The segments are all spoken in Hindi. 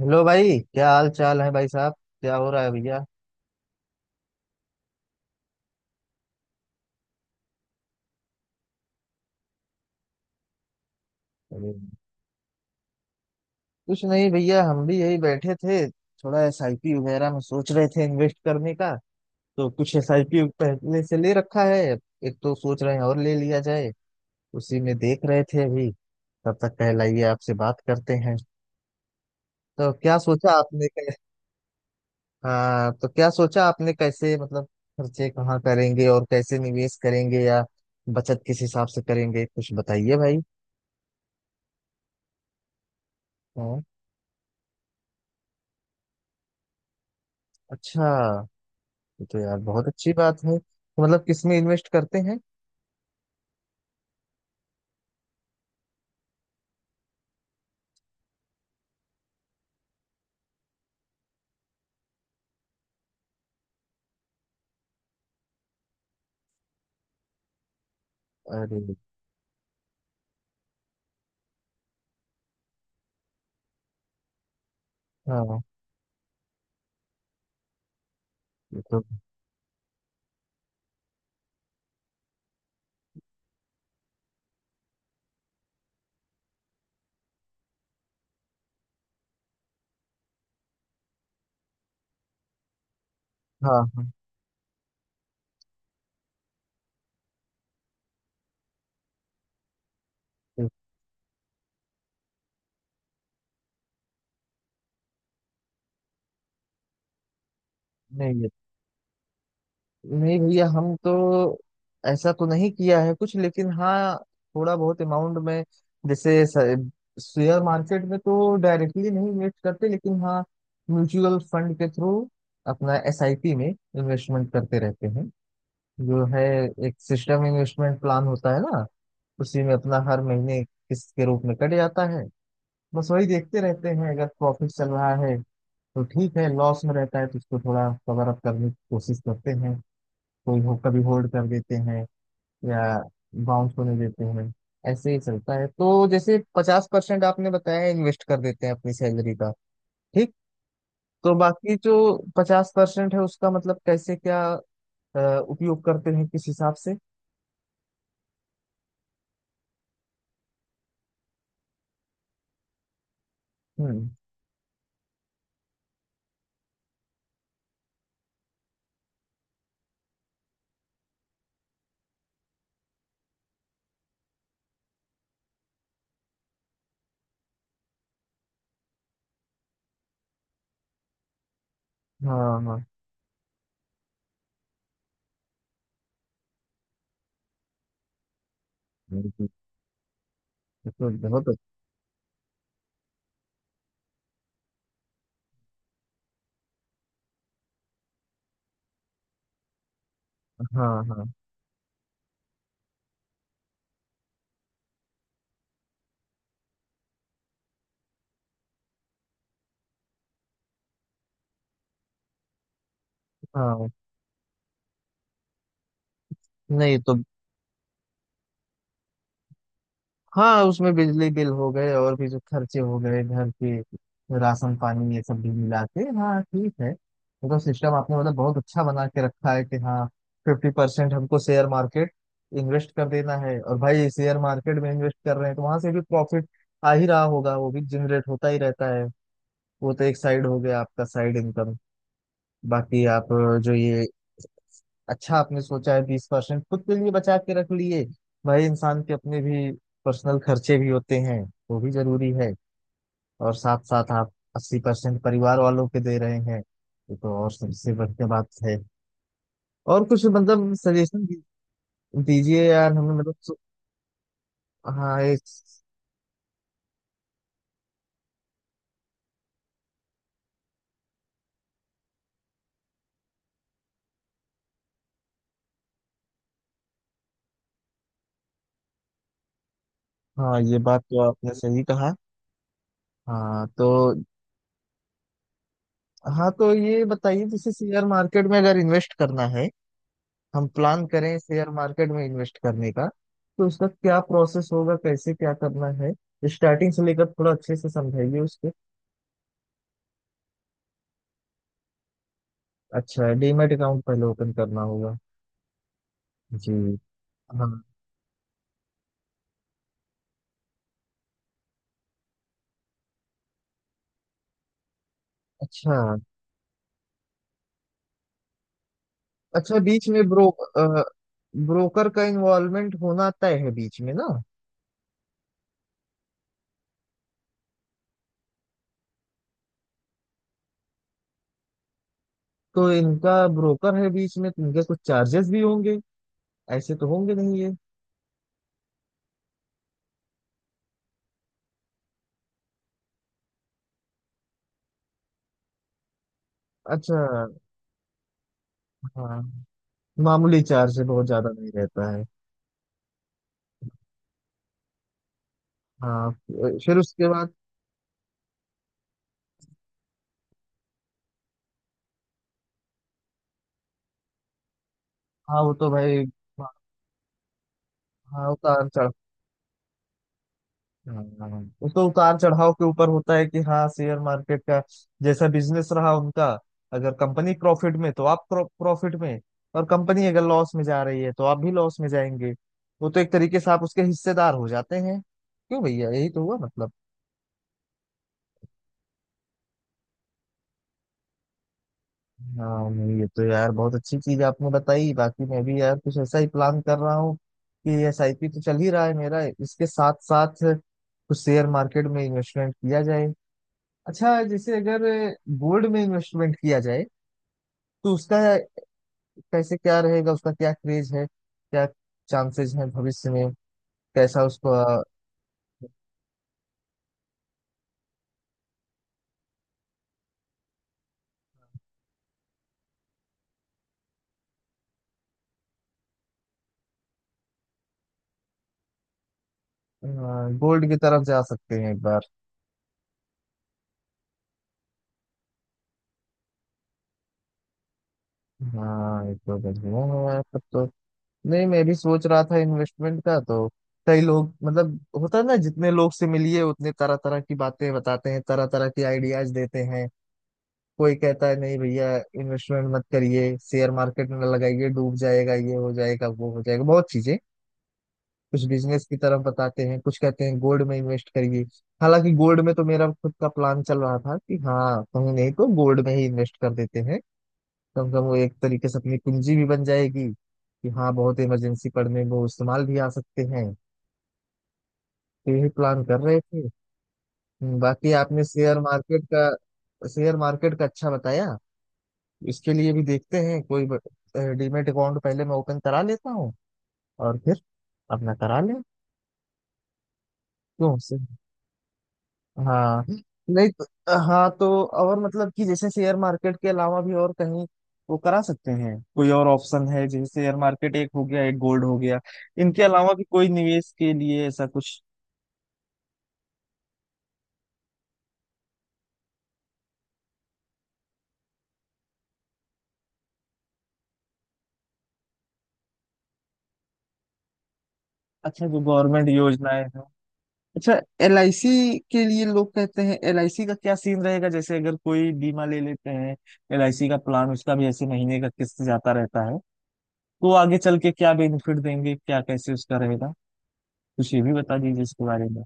हेलो भाई, क्या हाल चाल है भाई साहब। क्या हो रहा है भैया। अरे, कुछ नहीं भैया, हम भी यही बैठे थे, थोड़ा एसआईपी वगैरह में सोच रहे थे इन्वेस्ट करने का। तो कुछ एसआईपी पहले से ले रखा है, एक तो सोच रहे हैं और ले लिया जाए। उसी में देख रहे थे अभी। तब तक कहलाइए, आपसे बात करते हैं। तो क्या सोचा आपने हाँ, तो क्या सोचा आपने, कैसे मतलब खर्चे कहाँ करेंगे और कैसे निवेश करेंगे, या बचत किस हिसाब से करेंगे, कुछ बताइए भाई। हाँ। अच्छा, ये तो यार बहुत अच्छी बात है। तो मतलब किसमें इन्वेस्ट करते हैं। अरे। हाँ ये तो। हाँ हाँ। ये- नहीं ये, नहीं भैया, हम तो ऐसा तो नहीं किया है कुछ, लेकिन हाँ, थोड़ा बहुत अमाउंट में। जैसे शेयर मार्केट में तो डायरेक्टली नहीं इन्वेस्ट करते, लेकिन हाँ, म्यूचुअल फंड के थ्रू अपना एसआईपी में इन्वेस्टमेंट करते रहते हैं, जो है एक सिस्टम इन्वेस्टमेंट प्लान होता है ना, उसी में अपना हर महीने किस्त के रूप में कट जाता है। बस वही देखते रहते हैं, अगर प्रॉफिट चल रहा है तो ठीक है, लॉस में रहता है तो उसको थोड़ा कवर अप करने की कोशिश करते हैं, कोई हो कभी होल्ड कर देते हैं, या बाउंस होने देते हैं, ऐसे ही चलता है। तो जैसे 50% आपने बताया इन्वेस्ट कर देते हैं अपनी सैलरी का, ठीक। तो बाकी जो 50% है उसका मतलब कैसे क्या अ, उपयोग करते हैं किस हिसाब से। हम्म। हाँ हाँ। बिल्कुल। ये तो बहुत अच्छा। हाँ हाँ हाँ। नहीं तो। हाँ, उसमें बिजली बिल हो गए और भी जो खर्चे हो गए घर के, राशन पानी, ये सब भी मिला के। हाँ ठीक है, ये तो सिस्टम आपने मतलब बहुत अच्छा बना के रखा है, कि हाँ 50% हमको शेयर मार्केट इन्वेस्ट कर देना है, और भाई शेयर मार्केट में इन्वेस्ट कर रहे हैं तो वहां से भी प्रॉफिट आ ही रहा होगा, वो भी जनरेट होता ही रहता है। वो तो एक साइड हो गया आपका साइड इनकम, बाकी आप जो ये। अच्छा, आपने सोचा है 20% खुद के लिए बचा के रख लिए, भाई इंसान के अपने भी पर्सनल खर्चे भी होते हैं, वो भी जरूरी है। और साथ साथ आप 80% परिवार वालों के दे रहे हैं, ये तो और सबसे बढ़िया बात है। और कुछ मतलब सजेशन दीजिए यार हमें, मतलब हाँ एक। हाँ ये बात तो आपने सही कहा। हाँ तो। हाँ तो ये बताइए, जैसे शेयर मार्केट में अगर इन्वेस्ट करना है, हम प्लान करें शेयर मार्केट में इन्वेस्ट करने का, तो उसका क्या प्रोसेस होगा, कैसे क्या करना है, स्टार्टिंग से लेकर थोड़ा अच्छे से समझाइए उसके। अच्छा, डीमैट अकाउंट पहले ओपन करना होगा। जी हाँ। अच्छा। अच्छा, बीच में ब्रोकर का इन्वॉल्वमेंट होना तय है बीच में ना। तो इनका ब्रोकर है बीच में, तो इनके कुछ चार्जेस भी होंगे, ऐसे तो होंगे नहीं ये। अच्छा। हाँ मामूली चार्ज है, बहुत ज्यादा नहीं रहता है। हाँ। फिर उसके बाद। हाँ वो तो भाई। हाँ। हाँ, उतार चढ़। हाँ, वो तो उतार चढ़ाव के ऊपर होता है कि हाँ, शेयर मार्केट का जैसा बिजनेस रहा उनका, अगर कंपनी प्रॉफिट में तो आप प्रॉफिट में, और कंपनी अगर लॉस में जा रही है तो आप भी लॉस में जाएंगे। वो तो एक तरीके से आप उसके हिस्सेदार हो जाते हैं, क्यों भैया, यही तो हुआ मतलब। हाँ नहीं, ये तो यार बहुत अच्छी चीज आपने बताई। बाकी मैं भी यार कुछ ऐसा ही प्लान कर रहा हूँ कि SIP तो चल ही रहा है मेरा, इसके साथ साथ कुछ शेयर मार्केट में इन्वेस्टमेंट किया जाए। अच्छा, जैसे अगर गोल्ड में इन्वेस्टमेंट किया जाए तो उसका कैसे क्या रहेगा, उसका क्या क्रेज है, क्या चांसेस हैं भविष्य में, कैसा उसको। गोल्ड की तरफ जा सकते हैं एक बार। हाँ ये तो बढ़िया है तब तो। नहीं, मैं भी सोच रहा था इन्वेस्टमेंट का तो। कई लोग मतलब होता है ना, जितने लोग से मिलिए उतने तरह तरह की बातें बताते हैं, तरह तरह की आइडियाज देते हैं। कोई कहता है नहीं भैया, इन्वेस्टमेंट मत करिए शेयर मार्केट में, लगाइए डूब जाएगा, ये हो जाएगा वो हो जाएगा, बहुत चीजें। कुछ बिजनेस की तरफ बताते हैं, कुछ कहते हैं गोल्ड में इन्वेस्ट करिए। हालांकि गोल्ड में तो मेरा खुद का प्लान चल रहा था कि हाँ कहीं नहीं तो गोल्ड में ही इन्वेस्ट कर देते हैं, कम से कम वो एक तरीके से अपनी पूंजी भी बन जाएगी कि हाँ बहुत इमरजेंसी पड़ने में वो इस्तेमाल भी आ सकते हैं, तो यही प्लान कर रहे थे। बाकी आपने शेयर मार्केट का अच्छा बताया, इसके लिए भी देखते हैं कोई डीमेट अकाउंट पहले मैं ओपन करा लेता हूँ, और फिर अपना करा लें। क्यों से हाँ नहीं तो, हाँ तो और मतलब कि जैसे शेयर मार्केट के अलावा भी और कहीं वो करा सकते हैं, कोई और ऑप्शन है, जैसे शेयर मार्केट एक हो गया, एक गोल्ड हो गया, इनके अलावा भी कोई निवेश के लिए ऐसा कुछ। अच्छा, जो गवर्नमेंट योजनाएं हैं। अच्छा, LIC के लिए लोग कहते हैं, LIC का क्या सीन रहेगा, जैसे अगर कोई बीमा ले लेते हैं LIC का प्लान, उसका भी ऐसे महीने का किस्त जाता रहता है, तो आगे चल के क्या बेनिफिट देंगे, क्या कैसे उसका रहेगा, कुछ ये भी बता दीजिए इसके बारे में।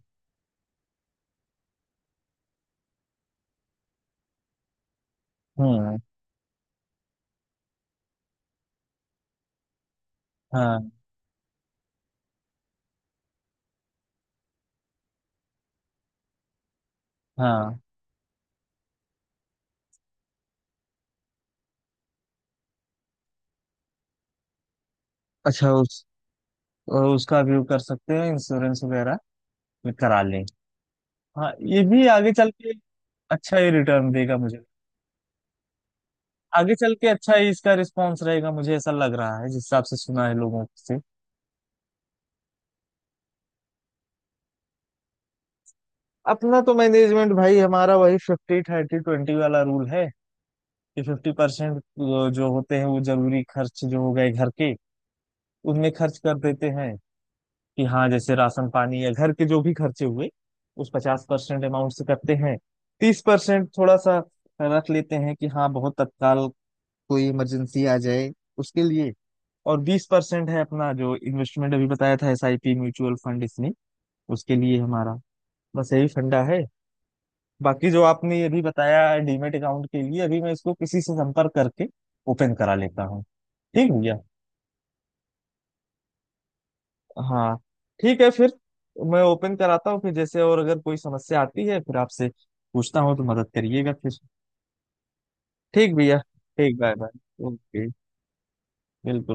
हम्म। हाँ हाँ। अच्छा, उस उसका व्यू कर सकते हैं, इंश्योरेंस वगैरह में करा लें। हाँ ये भी आगे चल के अच्छा ही रिटर्न देगा मुझे, आगे चल के अच्छा ही इसका रिस्पॉन्स रहेगा, मुझे ऐसा लग रहा है जिस हिसाब से सुना है लोगों से। अपना तो मैनेजमेंट भाई हमारा वही 50-30-20 वाला रूल है, कि 50% जो होते हैं वो जरूरी खर्च जो हो गए घर के उनमें खर्च कर देते हैं, कि हाँ जैसे राशन पानी या घर के जो भी खर्चे हुए उस 50% अमाउंट से करते हैं। 30% थोड़ा सा रख लेते हैं कि हाँ बहुत तत्काल कोई इमरजेंसी आ जाए उसके लिए। और 20% है अपना जो इन्वेस्टमेंट अभी बताया था एसआईपी म्यूचुअल फंड, इसमें उसके लिए हमारा, बस यही फंडा है। बाकी जो आपने ये भी बताया डीमेट अकाउंट के लिए अभी मैं इसको किसी से संपर्क करके ओपन करा लेता हूँ, ठीक है भैया। हाँ ठीक है फिर, मैं ओपन कराता हूँ फिर, जैसे और अगर कोई समस्या आती है फिर आपसे पूछता हूँ, तो मदद करिएगा फिर। ठीक भैया। ठीक, बाय बाय। ओके। बिल्कुल।